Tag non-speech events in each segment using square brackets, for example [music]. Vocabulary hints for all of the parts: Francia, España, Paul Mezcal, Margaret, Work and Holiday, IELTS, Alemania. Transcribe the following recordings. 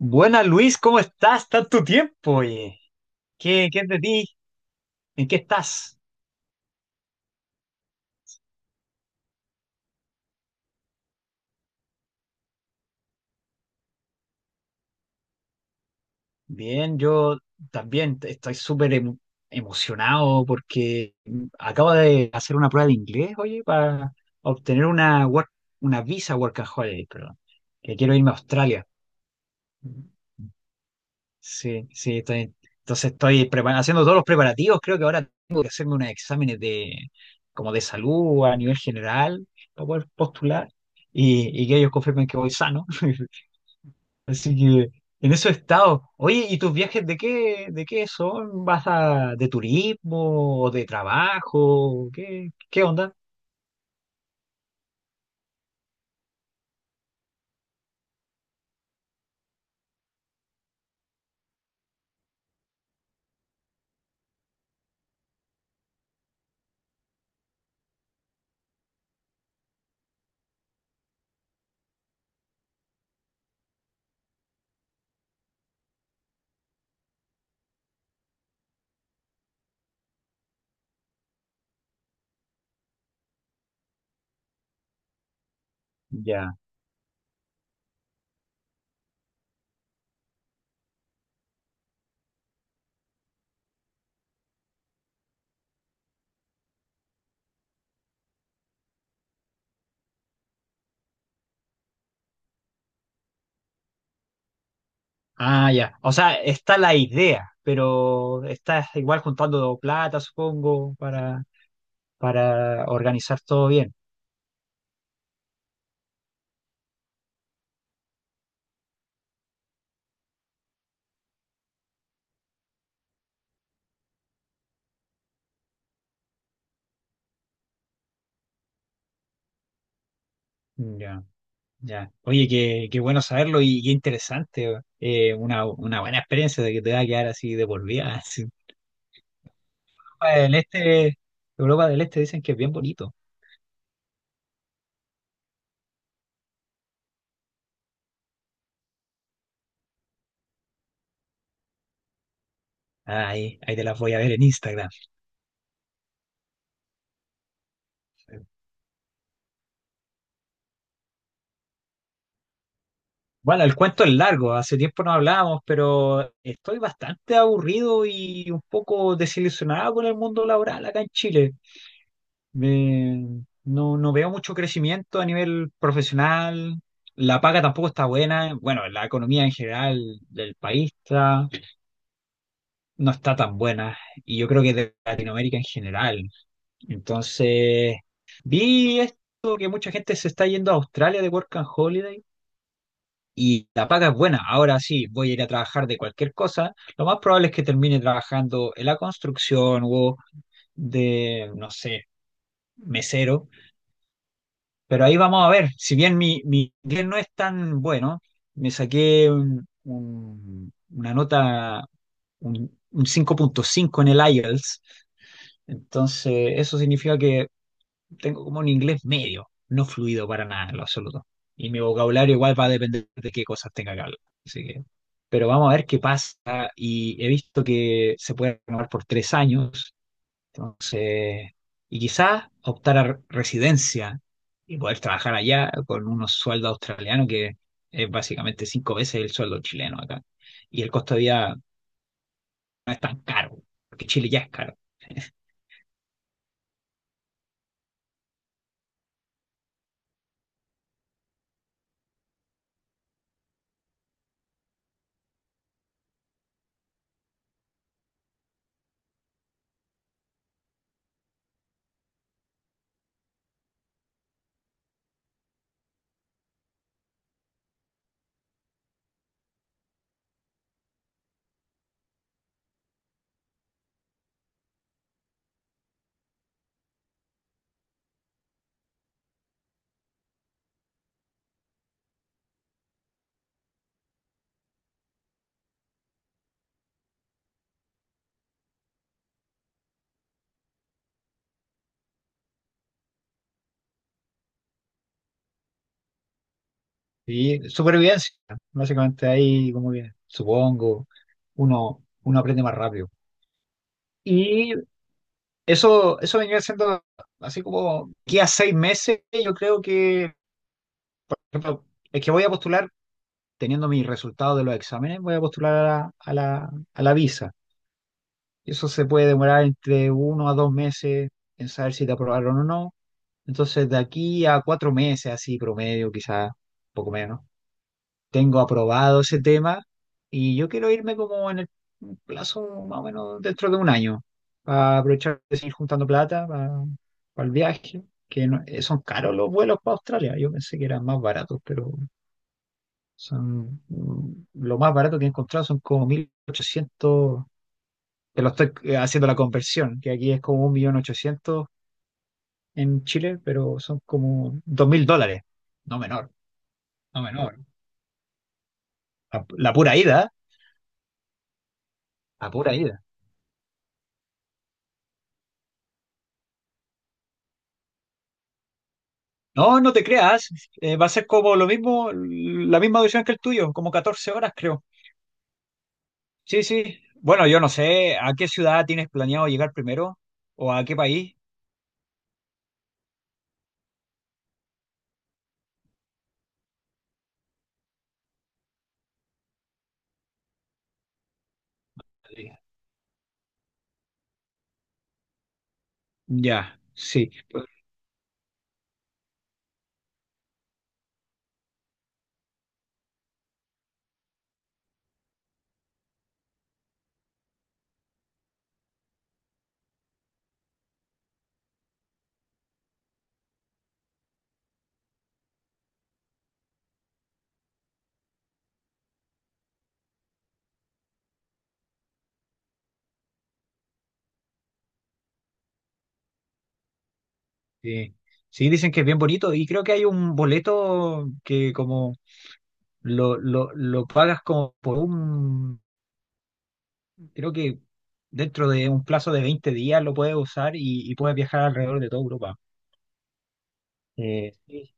Buena Luis, ¿cómo estás? Tanto tiempo, oye. ¿Qué es de ti? ¿En qué estás? Bien, yo también estoy súper emocionado porque acabo de hacer una prueba de inglés, oye, para obtener una visa work and holiday, perdón, que quiero irme a Australia. Sí, sí, entonces estoy haciendo todos los preparativos. Creo que ahora tengo que hacerme unos exámenes de, como de salud a nivel general para poder postular y que ellos confirmen que voy sano. [laughs] Así que en eso he estado. Oye, ¿y tus viajes de qué son? ¿Vas de turismo o de trabajo? ¿Qué onda? Ya. Ah, ya. O sea, está la idea, pero estás igual juntando plata, supongo, para organizar todo bien. Ya, ya. Oye, qué bueno saberlo y qué interesante. Una buena experiencia de que te va a quedar así de por vida. [laughs] así. Europa del Este, Europa del Este dicen que es bien bonito. Ah, ahí te las voy a ver en Instagram. Bueno, el cuento es largo, hace tiempo no hablábamos, pero estoy bastante aburrido y un poco desilusionado con el mundo laboral acá en Chile. No, no veo mucho crecimiento a nivel profesional, la paga tampoco está buena, bueno, la economía en general del país no está tan buena y yo creo que de Latinoamérica en general. Entonces, vi esto que mucha gente se está yendo a Australia de Work and Holiday y la paga es buena. Ahora sí, voy a ir a trabajar de cualquier cosa. Lo más probable es que termine trabajando en la construcción o no sé, mesero. Pero ahí vamos a ver, si bien mi inglés no es tan bueno, me saqué una nota, un, un 5.5 en el IELTS, entonces eso significa que tengo como un inglés medio, no fluido para nada en lo absoluto. Y mi vocabulario igual va a depender de qué cosas tenga que hablar. Así que, pero vamos a ver qué pasa. Y he visto que se puede renovar por 3 años, entonces, y quizás optar a residencia y poder trabajar allá con unos sueldos australianos que es básicamente cinco veces el sueldo chileno acá. Y el costo de vida no es tan caro, porque Chile ya es caro. Y supervivencia, básicamente ahí como que supongo uno aprende más rápido. Y eso venía siendo así como que a 6 meses, yo creo que por ejemplo, es que voy a postular teniendo mis resultados de los exámenes, voy a postular a la visa. Eso se puede demorar entre 1 a 2 meses en saber si te aprobaron o no. Entonces, de aquí a 4 meses, así promedio, quizás poco menos, tengo aprobado ese tema y yo quiero irme como en el plazo más o menos dentro de un año para aprovechar de seguir juntando plata para el viaje, que son caros los vuelos para Australia. Yo pensé que eran más baratos, pero lo más barato que he encontrado son como 1.800, que lo estoy haciendo la conversión, que aquí es como un millón ochocientos en Chile, pero son como 2.000 dólares. No menor, no menor. La pura ida, ¿eh? La pura ida. No, no te creas, va a ser como lo mismo, la misma duración que el tuyo, como 14 horas creo. Sí, sí. Bueno, yo no sé, ¿a qué ciudad tienes planeado llegar primero? ¿O a qué país? Ya, sí. Sí, sí, dicen que es bien bonito y creo que hay un boleto que como lo pagas como creo que dentro de un plazo de 20 días lo puedes usar y puedes viajar alrededor de toda Europa. Sí,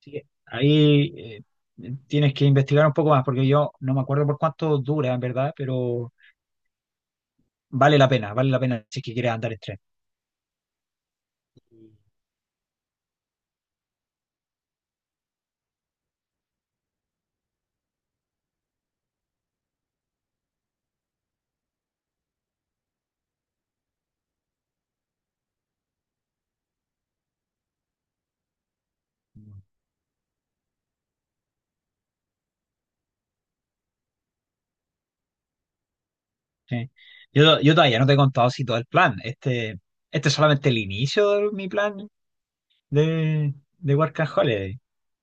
sí, ahí tienes que investigar un poco más porque yo no me acuerdo por cuánto dura en verdad, pero vale la pena si es que quieres andar en tren. Sí. Yo todavía no te he contado si todo el plan, este es solamente el inicio de mi plan de Work and Holiday,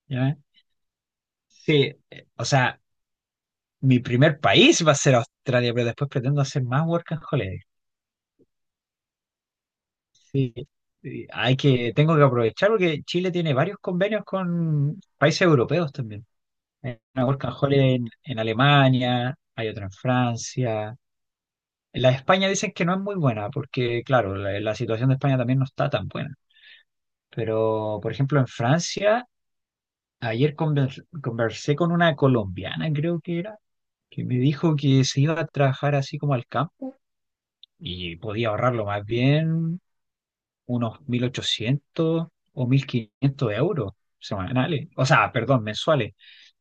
¿ya? Sí, o sea, mi primer país va a ser Australia, pero después pretendo hacer más Work and Holiday. Sí, sí, tengo que aprovechar porque Chile tiene varios convenios con países europeos también. Hay una Work and Holiday en Alemania, hay otra en Francia. La de España dicen que no es muy buena porque, claro, la situación de España también no está tan buena. Pero, por ejemplo, en Francia, ayer conversé con una colombiana, creo que era, que me dijo que se iba a trabajar así como al campo y podía ahorrarlo más bien unos 1.800 o 1.500 euros semanales, o sea, perdón, mensuales.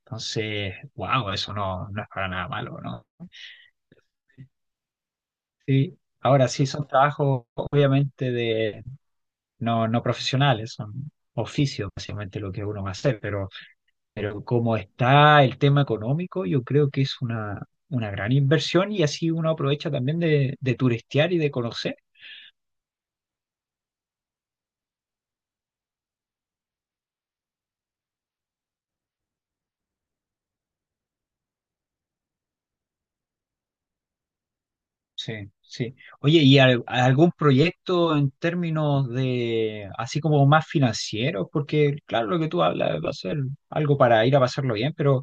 Entonces, wow, eso no, no es para nada malo, ¿no? Sí, ahora sí son trabajos obviamente de no, no profesionales, son oficios básicamente lo que uno va a hacer, pero como está el tema económico, yo creo que es una gran inversión y así uno aprovecha también de turistear y de conocer. Sí, sí. Oye, ¿y algún proyecto en términos de, así como más financieros? Porque, claro, lo que tú hablas va a ser algo para ir a pasarlo bien, pero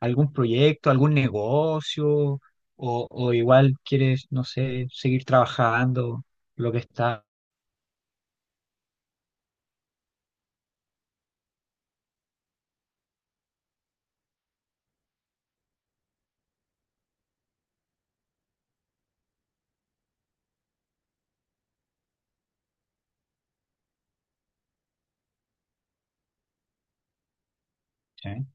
¿algún proyecto, algún negocio? O igual quieres, no sé, seguir trabajando lo que está. Sí,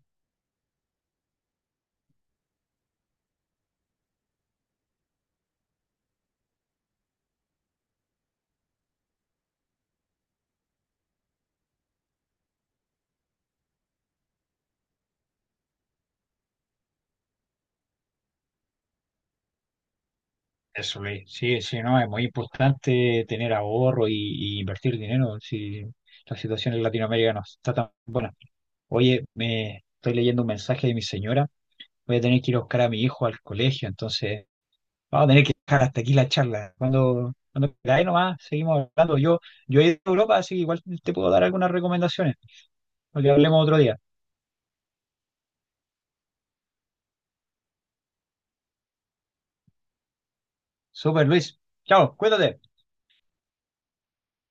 eso, Luis. Sí, sí, no, es muy importante tener ahorro y invertir dinero. Si la situación en Latinoamérica no está tan buena. Oye, me estoy leyendo un mensaje de mi señora. Voy a tener que ir a buscar a mi hijo al colegio, entonces vamos a tener que dejar hasta aquí la charla. Cuando queráis nomás, seguimos hablando. Yo he ido a Europa, así que igual te puedo dar algunas recomendaciones, para que hablemos otro día. Super Luis, chao, cuídate.